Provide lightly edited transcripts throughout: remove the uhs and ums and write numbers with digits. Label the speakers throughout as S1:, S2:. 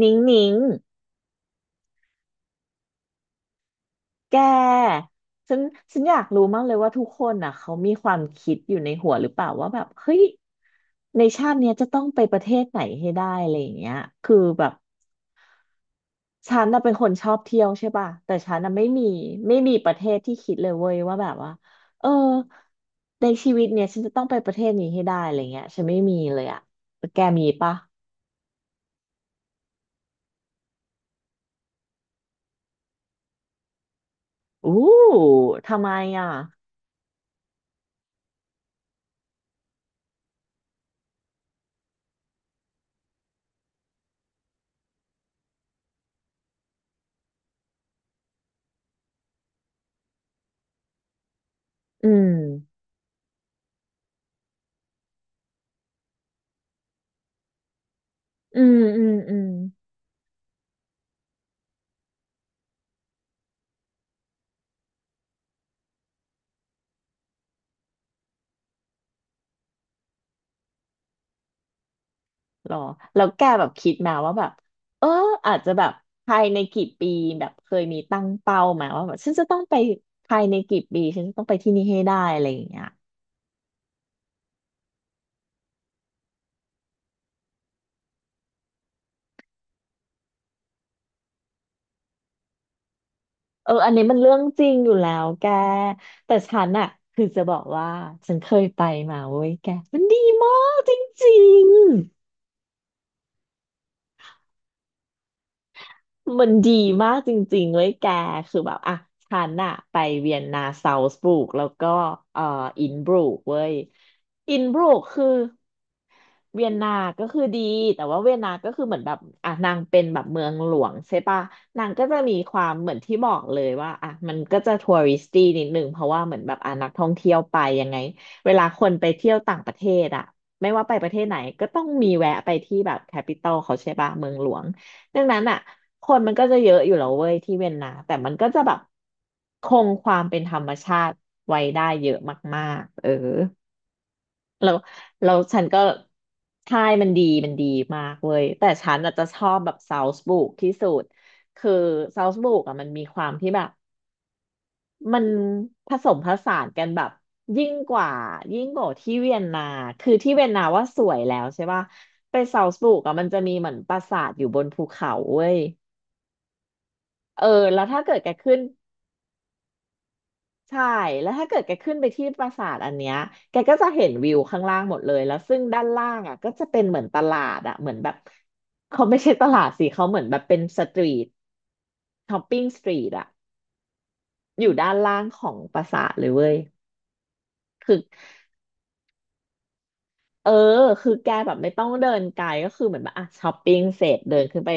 S1: นิ้งนิ้งแกฉันฉันอยากรู้มากเลย ว่าทุกคนอ่ะเขามีความคิดอยู่ในหัวหรือเปล่าว่าแบบเฮ้ยในชาติเนี้ย จะต้องไปประเทศไหนให้ได้อะไรอย่างเงี้ยคือแบบฉันน่ะเป็นคนชอบเที่ยวใช่ป่ะแต่ฉันน่ะไม่มี ไม่มีประเทศที่คิดเลยเว้ยว่าแบบว่าเออในชีวิตเนี้ย ฉันจะต้องไปประเทศนี้ให้ได้อะไรเงี้ยฉันไม่มีเลยอ่ะแกมีป่ะอู้ทำไมอ่ะอืมอืมอืมอืม หรอแล้วแกแบบคิดมาว่าแบบเอออาจจะแบบภายในกี่ปีแบบเคยมีตั้งเป้ามาว่าแบบฉันจะต้องไปภายในกี่ปีฉันจะต้องไปที่นี่ให้ได้อะไรอย่างเงี้ยเอออันนี้มันเรื่องจริงอยู่แล้วแกแต่ฉันอะคือจะบอกว่าฉันเคยไปมาเว้ยแกมันดีมากจริงมันดีมากจริงๆเว้ยแกคือแบบอะฉันอะไปเวียนนาซาวส์บุกแล้วก็เอ่ออินบรูกเว้ยอินบรูกคือ เวียนนา ก็คือดี แต่ว่าเวียนนาก็คือเหมือนแบบอ่ะนางเป็นแบบเมืองหลวงใช่ปะนางก็จะมีความเหมือนที่บอกเลยว่าอ่ะมันก็จะทัวริสตี้นิดนึงเพราะว่าเหมือนแบบอ่ะนักท่องเที่ยวไปยังไงเวลาคนไปเที่ยวต่างประเทศอ่ะไม่ว่าไปประเทศไหนก็ต้องมีแวะไปที่แบบแคปิตอลเขาใช่ปะเมืองหลวงดังนั้นอ่ะคนมันก็จะเยอะอยู่แล้วเว้ยที่เวียนนาแต่มันก็จะแบบคงความเป็นธรรมชาติไว้ได้เยอะมากๆเออ แล้วแล้วฉันก็ใช่มันดีมากเว้ยแต่ฉันอาจจะชอบแบบซาวส์บุกที่สุดคือซาวส์บุกอ่ะมันมีความที่แบบมันผสมผสานกันแบบยิ่งกว่ายิ่งกว่าที่เวียนนาคือที่เวียนนาว่าสวยแล้วใช่ป่ะไปซาวส์บุกอ่ะมันจะมีเหมือนปราสาทอยู่บนภูเขาเว้ยเออแล้วถ้าเกิดแกขึ้น ใช่แล้วถ้าเกิดแกขึ้นไปที่ปราสาทอันเนี้ยแกก็จะเห็นวิวข้างล่างหมดเลยแล้วซึ่งด้านล่างอ่ะก็จะเป็นเหมือนตลาดอ่ะเหมือนแบบเขาไม่ใช่ตลาดสิเขาเหมือนแบบเป็นสตรีทช้อปปิ้งสตรีทอ่ะอยู่ด้านล่างของปราสาทเลยเว้ยคือ เออคือแกแบบไม่ต้องเดินไกลก็คือเหมือนแบบอ่ะช้อปปิ้งเสร็จเดินขึ้นไป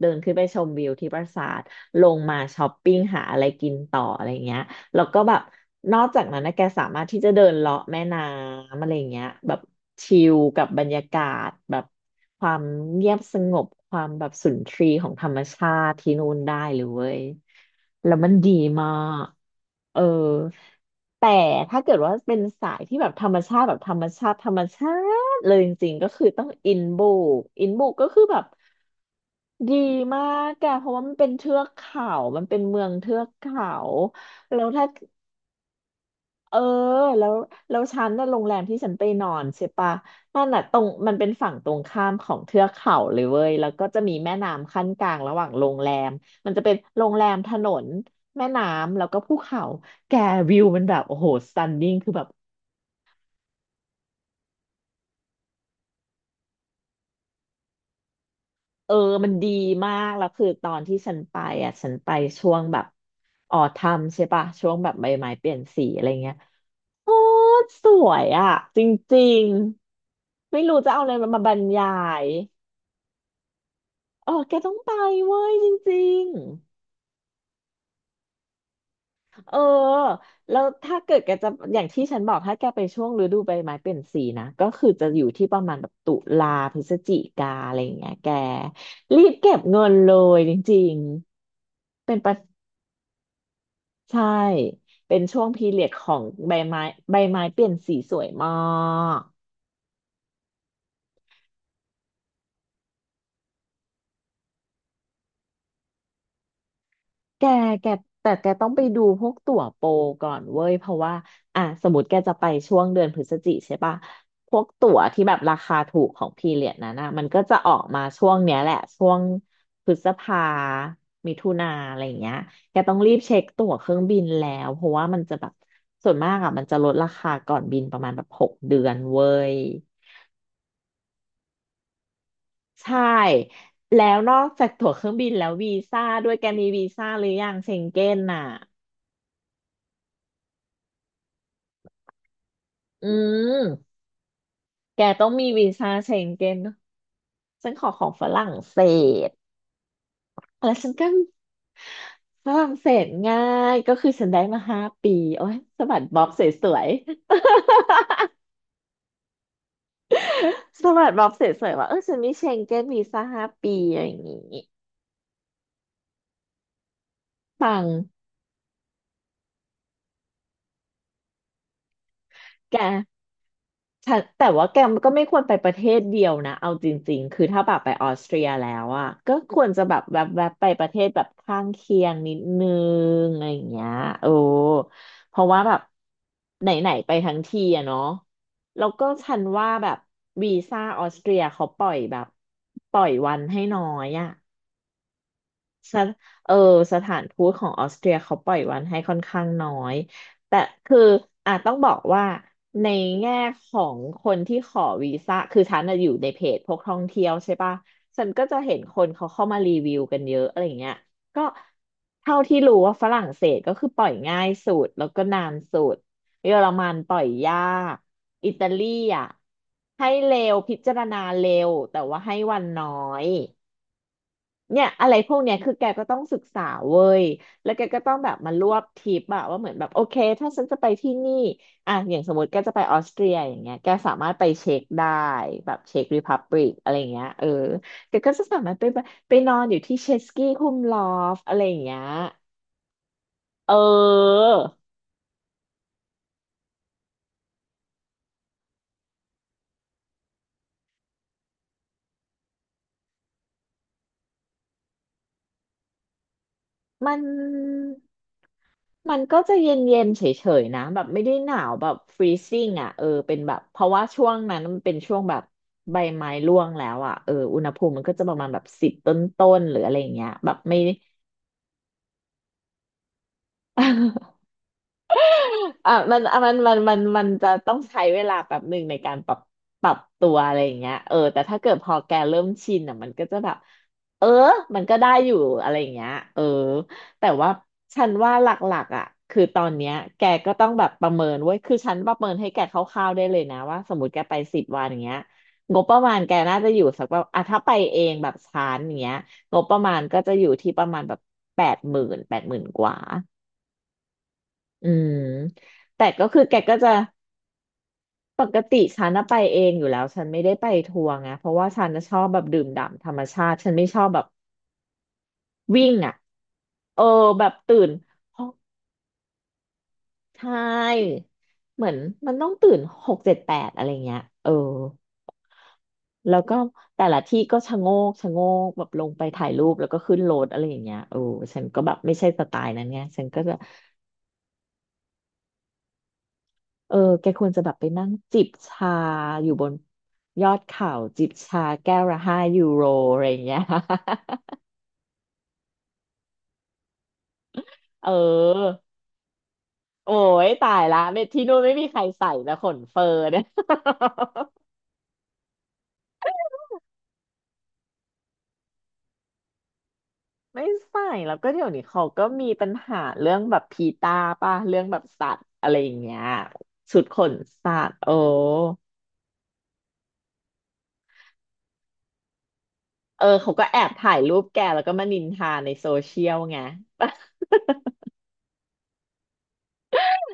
S1: ชมวิวที่ปราสาทลงมาช้อปปิ้งหาอะไรกินต่ออะไรเงี้ยแล้วก็แบบนอกจากนั้นนะแกสามารถที่จะเดินเลาะแม่น้ำอะไรเงี้ยแบบชิลกับบรรยากาศแบบความเงียบสงบความแบบสุนทรีย์ของธรรมชาติที่นู่นได้เลยเว้ยแล้วมันดีมากเออแต่ถ้าเกิดว่าเป็นสายที่แบบธรรมชาติแบบธรรมชาติธรรมชา เลยจริงๆ ก็คือต้องอินบุกอินบุกก็คือแบบดีมากอะเพราะว่ามันเป็นเทือกเขามันเป็นเมืองเทือกเขาแล้วถ้าเออแล้วแล้วฉันน่ะโรงแรมที่ฉันไปนอนใช่ปะนั่นน่ะตรงมันเป็นฝั่งตรงข้ามของเทือกเขาเลยเว้ยแล้วก็จะมีแม่น้ำขั้นกลางระหว่างโรงแรมมันจะเป็นโรงแรมถนนแม่น้ำแล้วก็ภูเขาแกวิวมันแบบโอ้โหสตันนิ่งคือแบบ เออมันดีมากแล้วคือตอนที่ฉันไปอ่ะฉันไปช่วงแบบออทัมใช่ปะช่วงแบบใบไม้เปลี่ยนสีอะไรเงี้ยโอ้สวยอ่ะจริงๆไม่รู้จะเอาอะไรมาบรรยายเออแกต้องไปเว้ยจริงๆเออแล้วถ้าเกิดแกจะอย่างที่ฉันบอกถ้าแกไปช่วงฤดูใบไม้เปลี่ยนสีนะก็คือจะอยู่ที่ประมาณแบบตุลาพฤศจิกาอะไรอย่างเงี้ยแกรีบเก็บเงินเลยจริงๆเป็นประ ใช่ เป็นช่วงพีเรียดของใบไม้ใบไม้เปลี่ยนสีสวยมากแกแกแต่แกต้องไปดูพวกตั๋วโปรก่อนเว้ยเพราะว่าอ่ะสมมติแกจะไปช่วงเดือนพฤศจิใช่ปะพวกตั๋วที่แบบราคาถูกของพีเรียดนั้นนะมันก็จะออกมาช่วงเนี้ยแหละช่วงพฤษภามิถุนาอะไรอย่างเงี้ยแกต้องรีบเช็คตั๋วเครื่องบินแล้วเพราะว่ามันจะแบบส่วนมากอ่ะมันจะลดราคาก่อนบินประมาณแบบ6 เดือนเว้ย ใช่แล้วนอกจากตั๋วเครื่องบินแล้ววีซ่าด้วยแกมีวีซ่าหรือยังเชงเก้นน่ะอืมแกต้องมีวีซ่าเชงเก้นฉันขอของฝรั่งเศสแล้วฉันก็ฝรั่งเศสง่ายก็คือฉันได้มาห้าปีโอ้ยสะบัดบ๊อบสวยๆ สะบัดบ๊อบสวยๆว่าเออฉันมีเชงเก้นวีซ่าห้าปีอะไรอย่างงี้ปังแก แต่แต่ว่าแกก็ไม่ควรไปประเทศเดียวนะเอาจริงๆ คือถ้าแบบไปออสเตรียแล้วอ่ะก็ควรจะแบบแวบๆไปประเทศแบบข้างเคียงนิดนึงอะไรอย่างเงี้ยโอ้เพราะว่าแบบไหนๆไปทั้งทีอะเนาะแล้วก็ฉันว่าแบบวีซ่าออสเตรียเขาปล่อยแบบปล่อยวันให้น้อยอะ สถเออสถานทูตของออสเตรียเขาปล่อยวันให้ค่อนข้างน้อย แต่คืออ่ะต้องบอกว่าในแง่ของคนที่ขอวีซ่าคือฉันน่ะอยู่ในเพจพวกท่องเที่ยวใช่ปะฉันก็จะเห็นคนเขาเข้ามารีวิวกันเยอะอะไรอย่างเงี้ยก็เท่าที่รู้ว่าฝรั่งเศสก็คือปล่อยง่ายสุดแล้วก็นานสุด เยอรมันปล่อยยาก อิตาลีอ่ะให้เร็วพิจารณาเร็วแต่ว่าให้วันน้อย เนี่ยอะไรพวกเนี้ยคือแกก็ต้องศึกษาเว้ยแล้วแกก็ต้องแบบมารวบทริปอะว่าเหมือนแบบโอเคถ้าฉันจะไปที่นี่อะอย่างสมมติแกจะไปออสเตรียอย่างเงี้ยแกสามารถไปเช็คได้แบบเช็คร e พับ l ิกอะไรเงี้ยเออแกก็จะสามารถไปแบบไปนอนอยู่ที่เชสกี้คุมลอฟอะไรอย่างเงี้ยเออมัน มันก็จะเย็นๆเฉยๆนะแบบไม่ได้หนาวแบบฟรีซิ่งอ่ะเออเป็นแบบเพราะว่าช่วงนั้นมันเป็นช่วงแบบใบไม้ร่วงแล้วอ่ะเอออุณหภูมิมันก็จะประมาณแบบ10 ต้นๆหรืออะไรอย่างเงี้ยแบบไม่ อ่ะมันจะต้องใช้เวลาแบบหนึ่งในการปรับตัวอะไรอย่างเงี้ยเออแต่ถ้าเกิดพอแกเริ่มชินอ่ะมันก็จะแบบเออมันก็ได้อยู่อะไรอย่างเงี้ยเออแต่ว่าฉันว่าหลักๆอ่ะคือตอนเนี้ยแกก็ต้องแบบประเมินเว้ยคือฉันประเมินให้แกคร่าวๆได้เลยนะว่าสมมติแกไปสิบวันอย่างเงี้ยงบประมาณแกน่าจะอยู่สักแบบอ่ะถ้าไปเองแบบชานอย่างเงี้ยงบประมาณก็จะอยู่ที่ประมาณแบบแปดหมื่นแปดหมื่นกว่า อืมแต่ก็คือแกก็จะปกติฉันน่ะไปเองอยู่แล้วฉันไม่ได้ไปทัวร์ไงเพราะว่าฉันน่ะชอบแบบดื่มด่ำธรรมชาติฉันไม่ชอบแบบวิ่งอ่ะเออแบบตื่นหกใช่เหมือนมันต้องตื่น6 7 8อะไรเงี้ยเออแล้วก็แต่ละที่ก็ชะโงกชะโงกแบบลงไปถ่ายรูปแล้วก็ขึ้นรถอะไรอย่างเงี้ยเออฉันก็แบบไม่ใช่สไตล์นั้นไงฉันก็จะ เออแกควรจะแบบไปนั่งจิบชาอยู่บนยอดเขาจิบชาแก้วละ5 ยูโรอะไรอย่างเงี้ย เออโอ้ยตายละไม่ที่นู่นไม่มีใครใส่นะขนเฟอร์เนี่ย ไม่ใส่แล้วก็เดี๋ยวนี้เขาก็มีปัญหาเรื่องแบบพีตาป่ะเรื่องแบบสัตว์อะไรอย่างเงี้ยชุดขนสัตว์โอ้ เออเขาก็แอบถ่ายรูปแกแล้วก็มานินทาในโซเชียลไง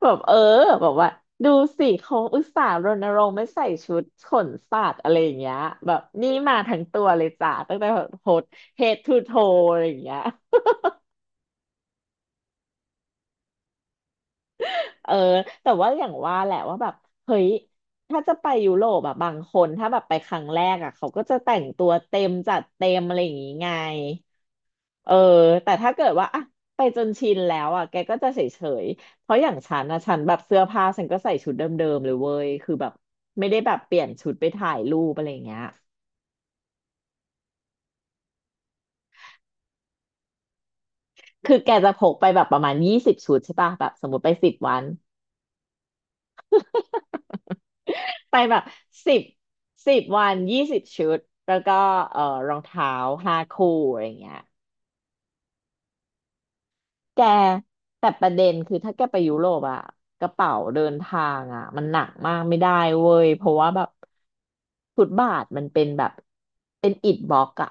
S1: แบบเออแบบว่าดูสิเขาอุตส่าห์รณรงค์ไม่ใส่ชุดขนสัตว์อะไรอย่างเงี้ยแบบนี่มาทั้งตัวเลยจ้ะตั้งแต่แบบโพสเฮดทูโทอะไรอย่างเงี้ยเออแต่ว่าอย่างว่าแหละว่าแบบเฮ้ยถ้าจะไปยุโรปอะบางคนถ้าแบบไปครั้งแรกอะเขาก็จะแต่งตัวเต็มจัดเต็มอะไรอย่างงี้ไง เออแต่ถ้าเกิดว่าอะไปจนชินแล้วอะแกก็จะเฉยๆเพราะอย่างฉันนะฉันแบบเสื้อผ้าฉันก็ใส่ชุดเดิมๆเลยเว้ยคือแบบไม่ได้แบบเปลี่ยนชุดไปถ่ายรูปอะไรอย่างเงี้ยคือแกจะพกไปแบบประมาณยี่สิบชุดใช่ป่ะแบบสมมติไปสิบวัน ไปแบบสิบสิบวันยี่สิบชุดแล้วก็เออรองเท้า5 คู่อะไรอย่างเงี้ย แกแต่ประเด็นคือถ้าแกไปยุโรปอะกระเป๋าเดินทางอะมันหนักมากไม่ได้เว้ยเพราะว่าแบบฟุตบาทมันเป็นแบบเป็นอิฐบล็อกอะ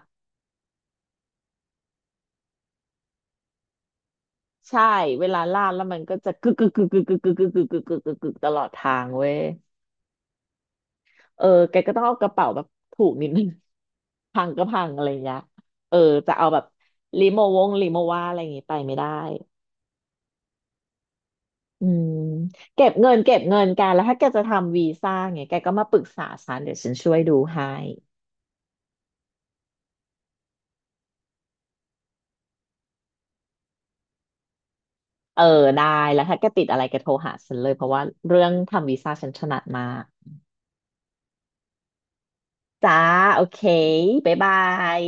S1: ใช่เวลาลาดแล้วมันก็จะกึกกึกกึกกึกกึกกึกกึกกึกกึกกึกกึกกึกตลอดทางเว้ยเออแกก็ต้องเอากระเป๋าแบบถูกนิดนึง พังก็พังอะไรอย่างเงี้ยเออจะเอาแบบลิโมว่าอะไรอย่างงี้ไปไม่ได้ อืมเก็บเงินกันแล้วถ้าแกจะทำวีซ่าไงแกก็มาปรึกษาฉันเดี๋ยวฉันช่วยดูให้เออได้แล้วถ้าแกติดอะไรแกโทรหาฉันเลยเพราะว่าเรื่องทำวีซ่าฉันถนัดมากจ้าโอเคบ๊ายบาย